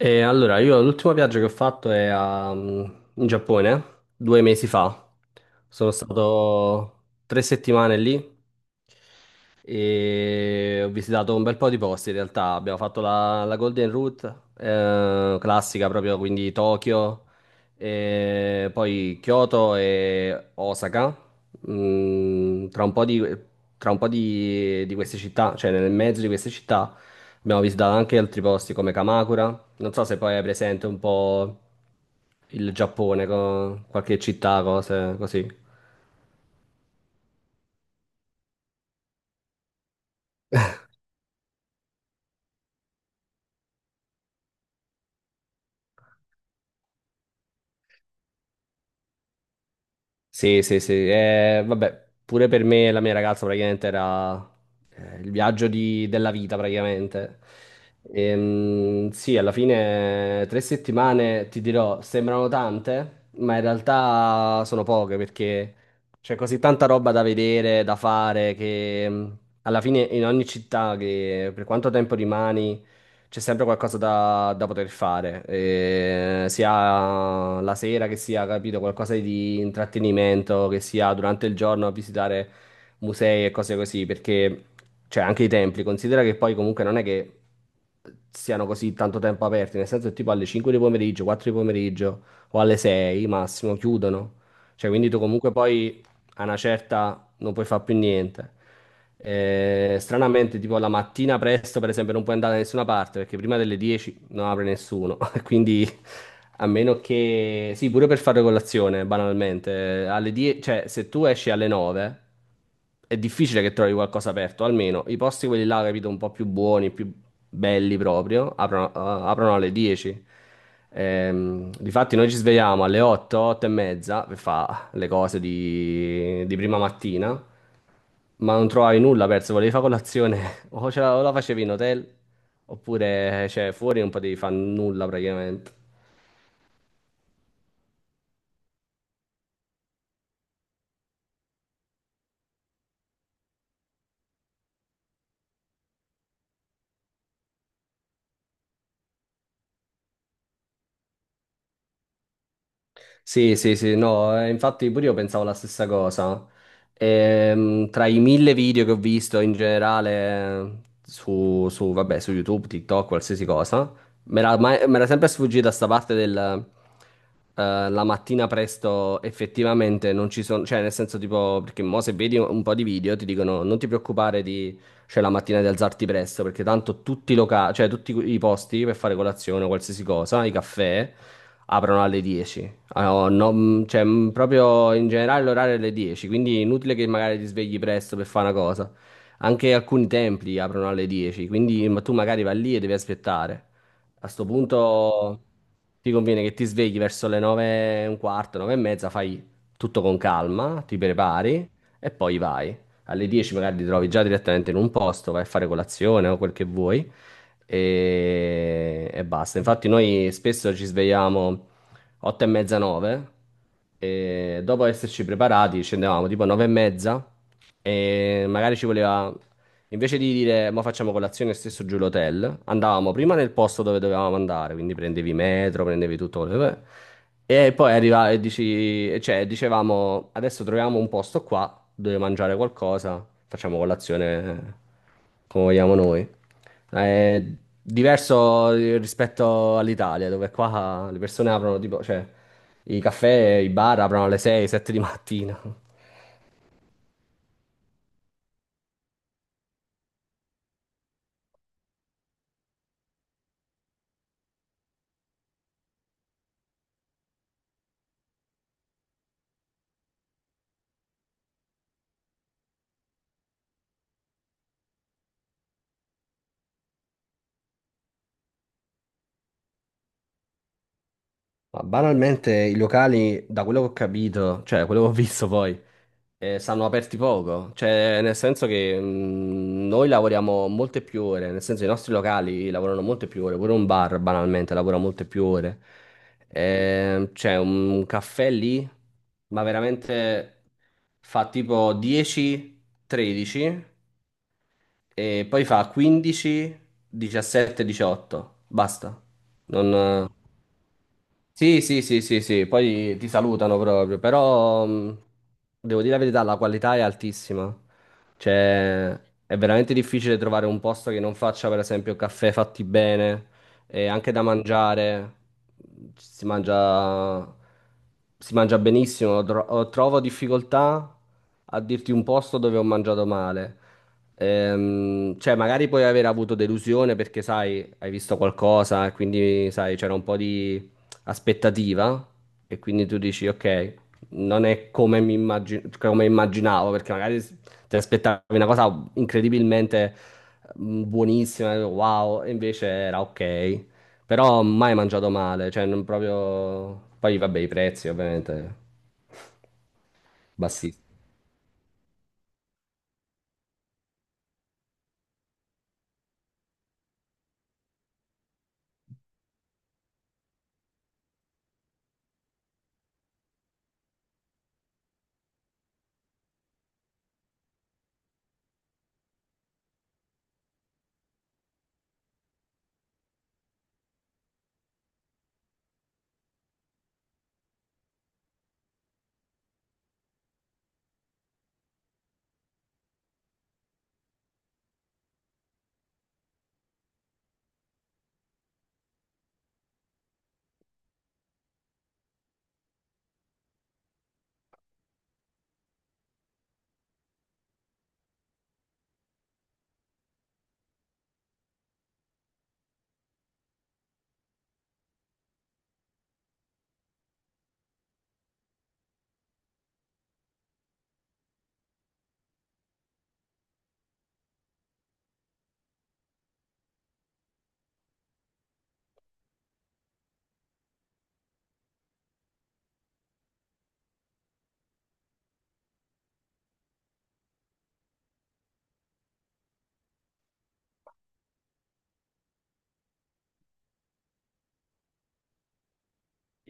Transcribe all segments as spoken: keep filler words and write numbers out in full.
E allora, io l'ultimo viaggio che ho fatto è a- mm, in Giappone, due mesi fa. Sono stato tre settimane lì e ho visitato un bel po' di posti in realtà. Abbiamo fatto la, la Golden Route, eh, classica proprio, quindi Tokyo, e poi Kyoto e Osaka. Mm, tra un po' di, tra un po' di, di queste città, cioè nel mezzo di queste città, abbiamo visitato anche altri posti come Kamakura. Non so se poi è presente un po' il Giappone, co- qualche città, cose così. Sì, sì, sì. Eh, vabbè, pure per me e la mia ragazza praticamente era eh, il viaggio di- della vita praticamente. Ehm, sì, alla fine tre settimane, ti dirò, sembrano tante, ma in realtà sono poche perché c'è così tanta roba da vedere, da fare, che mh, alla fine, in ogni città, che per quanto tempo rimani, c'è sempre qualcosa da, da poter fare, eh, sia la sera, che sia, capito, qualcosa di intrattenimento, che sia durante il giorno a visitare musei e cose così, perché, cioè, anche i templi, considera che poi comunque non è che siano così tanto tempo aperti, nel senso che tipo alle cinque di pomeriggio, quattro di pomeriggio o alle sei massimo chiudono, cioè, quindi tu comunque poi, a una certa, non puoi fare più niente. Eh, stranamente, tipo la mattina presto, per esempio, non puoi andare da nessuna parte perché prima delle dieci non apre nessuno. Quindi, a meno che, sì, pure per fare colazione, banalmente, alle dieci, cioè se tu esci alle nove, è difficile che trovi qualcosa aperto, almeno i posti quelli là, capito, un po' più buoni, più belli proprio, aprono, eh, aprono alle dieci. Ehm, difatti noi ci svegliamo alle otto, otto e mezza, per fa ah, le cose di, di prima mattina, ma non trovavi nulla, perso, volevi fare colazione, o, ce la, o la facevi in hotel, oppure cioè, fuori non potevi fare nulla praticamente. Sì, sì, sì, no, eh, infatti pure io pensavo la stessa cosa. Ehm, tra i mille video che ho visto in generale, eh, su, su, vabbè, su YouTube, TikTok, qualsiasi cosa, mi era, mai- mi era sempre sfuggita sta parte del, eh, la mattina presto effettivamente non ci sono, cioè nel senso tipo, perché mo se vedi un po' di video ti dicono non ti preoccupare di, cioè la mattina di alzarti presto, perché tanto tutti i locali, cioè tutti i posti per fare colazione o qualsiasi cosa, i caffè, aprono alle dieci. Ah, no, no, mm, cioè, mh, proprio in generale l'orario è alle dieci, quindi inutile che magari ti svegli presto per fare una cosa. Anche alcuni templi aprono alle dieci, quindi ma tu magari vai lì e devi aspettare. A sto punto ti conviene che ti svegli verso le nove e un quarto, nove e mezza, fai tutto con calma, ti prepari e poi vai. Alle dieci magari ti trovi già direttamente in un posto, vai a fare colazione o quel che vuoi e, e basta. Infatti noi spesso ci svegliamo otto e mezza, nove. E dopo esserci preparati scendevamo tipo nove e mezza e magari ci voleva. Invece di dire, ma facciamo colazione stesso giù l'hotel, andavamo prima nel posto dove dovevamo andare, quindi prendevi metro, prendevi tutto quello che- E poi arriva e dici, e cioè, dicevamo, adesso troviamo un posto qua dove mangiare qualcosa, facciamo colazione come vogliamo noi. È diverso rispetto all'Italia, dove qua le persone aprono tipo, cioè, i caffè, i bar aprono alle sei, sette di mattina. Ma banalmente i locali, da quello che ho capito, cioè da quello che ho visto poi, eh, stanno aperti poco, cioè nel senso che mh, noi lavoriamo molte più ore, nel senso i nostri locali lavorano molte più ore, pure un bar banalmente lavora molte più ore. Eh, c'è un caffè lì, ma veramente fa tipo dieci tredici e poi fa quindici diciassette-diciotto, basta, non... Sì, sì, sì, sì, sì, poi ti salutano proprio, però mh, devo dire la verità, la qualità è altissima. Cioè, è veramente difficile trovare un posto che non faccia, per esempio, caffè fatti bene e anche da mangiare. mhmm, Si mangia, si mangia benissimo. Tro- trovo difficoltà a dirti un posto dove ho mangiato male. Ehm, cioè, magari puoi aver avuto delusione perché, sai, hai visto qualcosa e quindi, sai, c'era un po' di aspettativa, e quindi tu dici ok, non è come mi immagi- come immaginavo, perché magari s- ti aspettavi una cosa incredibilmente mm, buonissima, wow, e invece era ok, però mai mangiato male, cioè non proprio. Poi vabbè, i prezzi ovviamente bassissimi.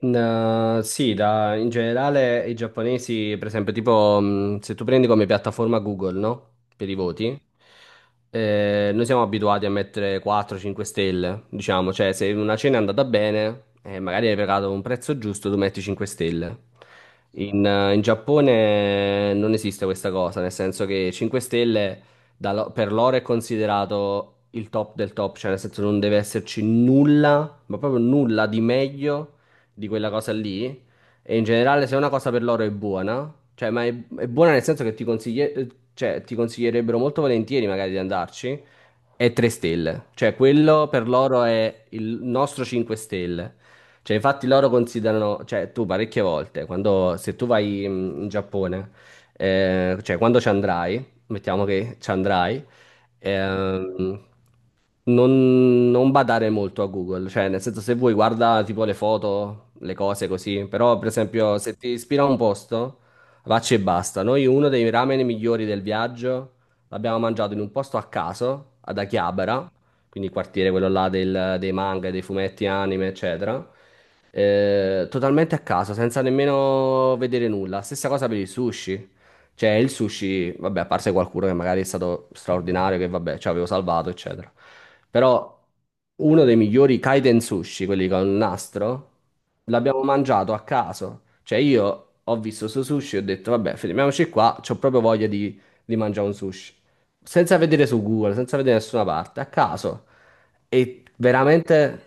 In, eh, sì, da- in generale i giapponesi, per esempio, tipo mh, se tu prendi come piattaforma Google, no? Per i voti, eh, noi siamo abituati a mettere quattro cinque stelle, diciamo, cioè se una cena è andata bene e magari hai pagato un prezzo giusto, tu metti cinque stelle. In, eh, in Giappone non esiste questa cosa, nel senso che cinque stelle da lo- per loro è considerato il top del top, cioè nel senso non deve esserci nulla, ma proprio nulla di meglio di quella cosa lì. E in generale, se una cosa per loro è buona, cioè, ma è, è buona, nel senso che ti consiglie- eh, cioè, ti consiglierebbero molto volentieri magari di andarci, è tre stelle. Cioè, quello per loro è il nostro cinque stelle. Cioè, infatti loro considerano, cioè, tu parecchie volte, quando, se tu vai in, in Giappone, eh, cioè, quando ci andrai, mettiamo che ci andrai, Ehm, non, non badare molto a Google, cioè nel senso se vuoi guarda tipo le foto, le cose così, però per esempio se ti ispira un posto, vacci e basta. Noi, uno dei ramen migliori del viaggio, l'abbiamo mangiato in un posto a caso, ad Akihabara, quindi il quartiere quello là del- dei manga, dei fumetti, anime, eccetera. Eh, totalmente a caso, senza nemmeno vedere nulla. Stessa cosa per i sushi. Cioè, il sushi, vabbè, a parte qualcuno che magari è stato straordinario, che vabbè, ci avevo salvato, eccetera. Però uno dei migliori kaiten sushi, quelli con il nastro, l'abbiamo mangiato a caso. Cioè, io ho visto su sushi e ho detto, vabbè, fermiamoci qua, c'ho proprio voglia di, di mangiare un sushi. Senza vedere su Google, senza vedere nessuna parte, a caso. E veramente...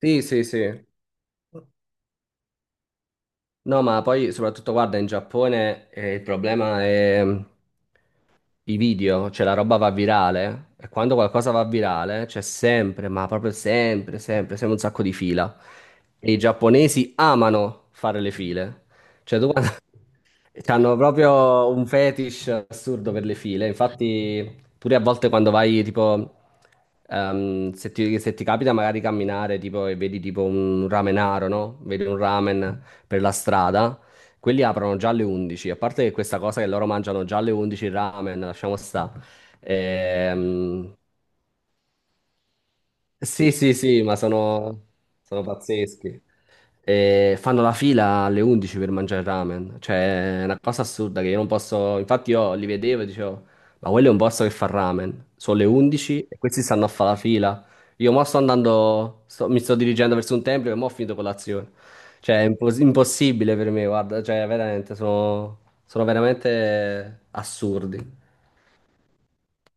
Sì, sì, sì. No, ma poi soprattutto guarda, in Giappone, eh, il problema è... I video, cioè la roba va virale e quando qualcosa va virale c'è sempre, ma proprio sempre, sempre, sempre un sacco di fila. E i giapponesi amano fare le file. Cioè tu hanno proprio un fetish assurdo per le file. Infatti, pure a volte quando vai, tipo, ehm, se ti, se ti capita magari camminare, tipo, e vedi tipo un ramenaro, no? Vedi un ramen per la strada, quelli aprono già alle undici. A parte che questa cosa che loro mangiano già alle undici il ramen, lasciamo sta. Ehm, sì, sì, sì, ma sono, sono pazzeschi. E fanno la fila alle undici per mangiare ramen. Cioè, è una cosa assurda che io non posso. Infatti, io li vedevo e dicevo, ma quello è un posto che fa ramen. Sono le undici e questi stanno a fare la fila. Io mo sto andando, sto- mi sto dirigendo verso un tempio, e mo ho finito colazione. Cioè, è impos- impossibile per me, guarda, cioè, veramente, sono, sono veramente assurdi.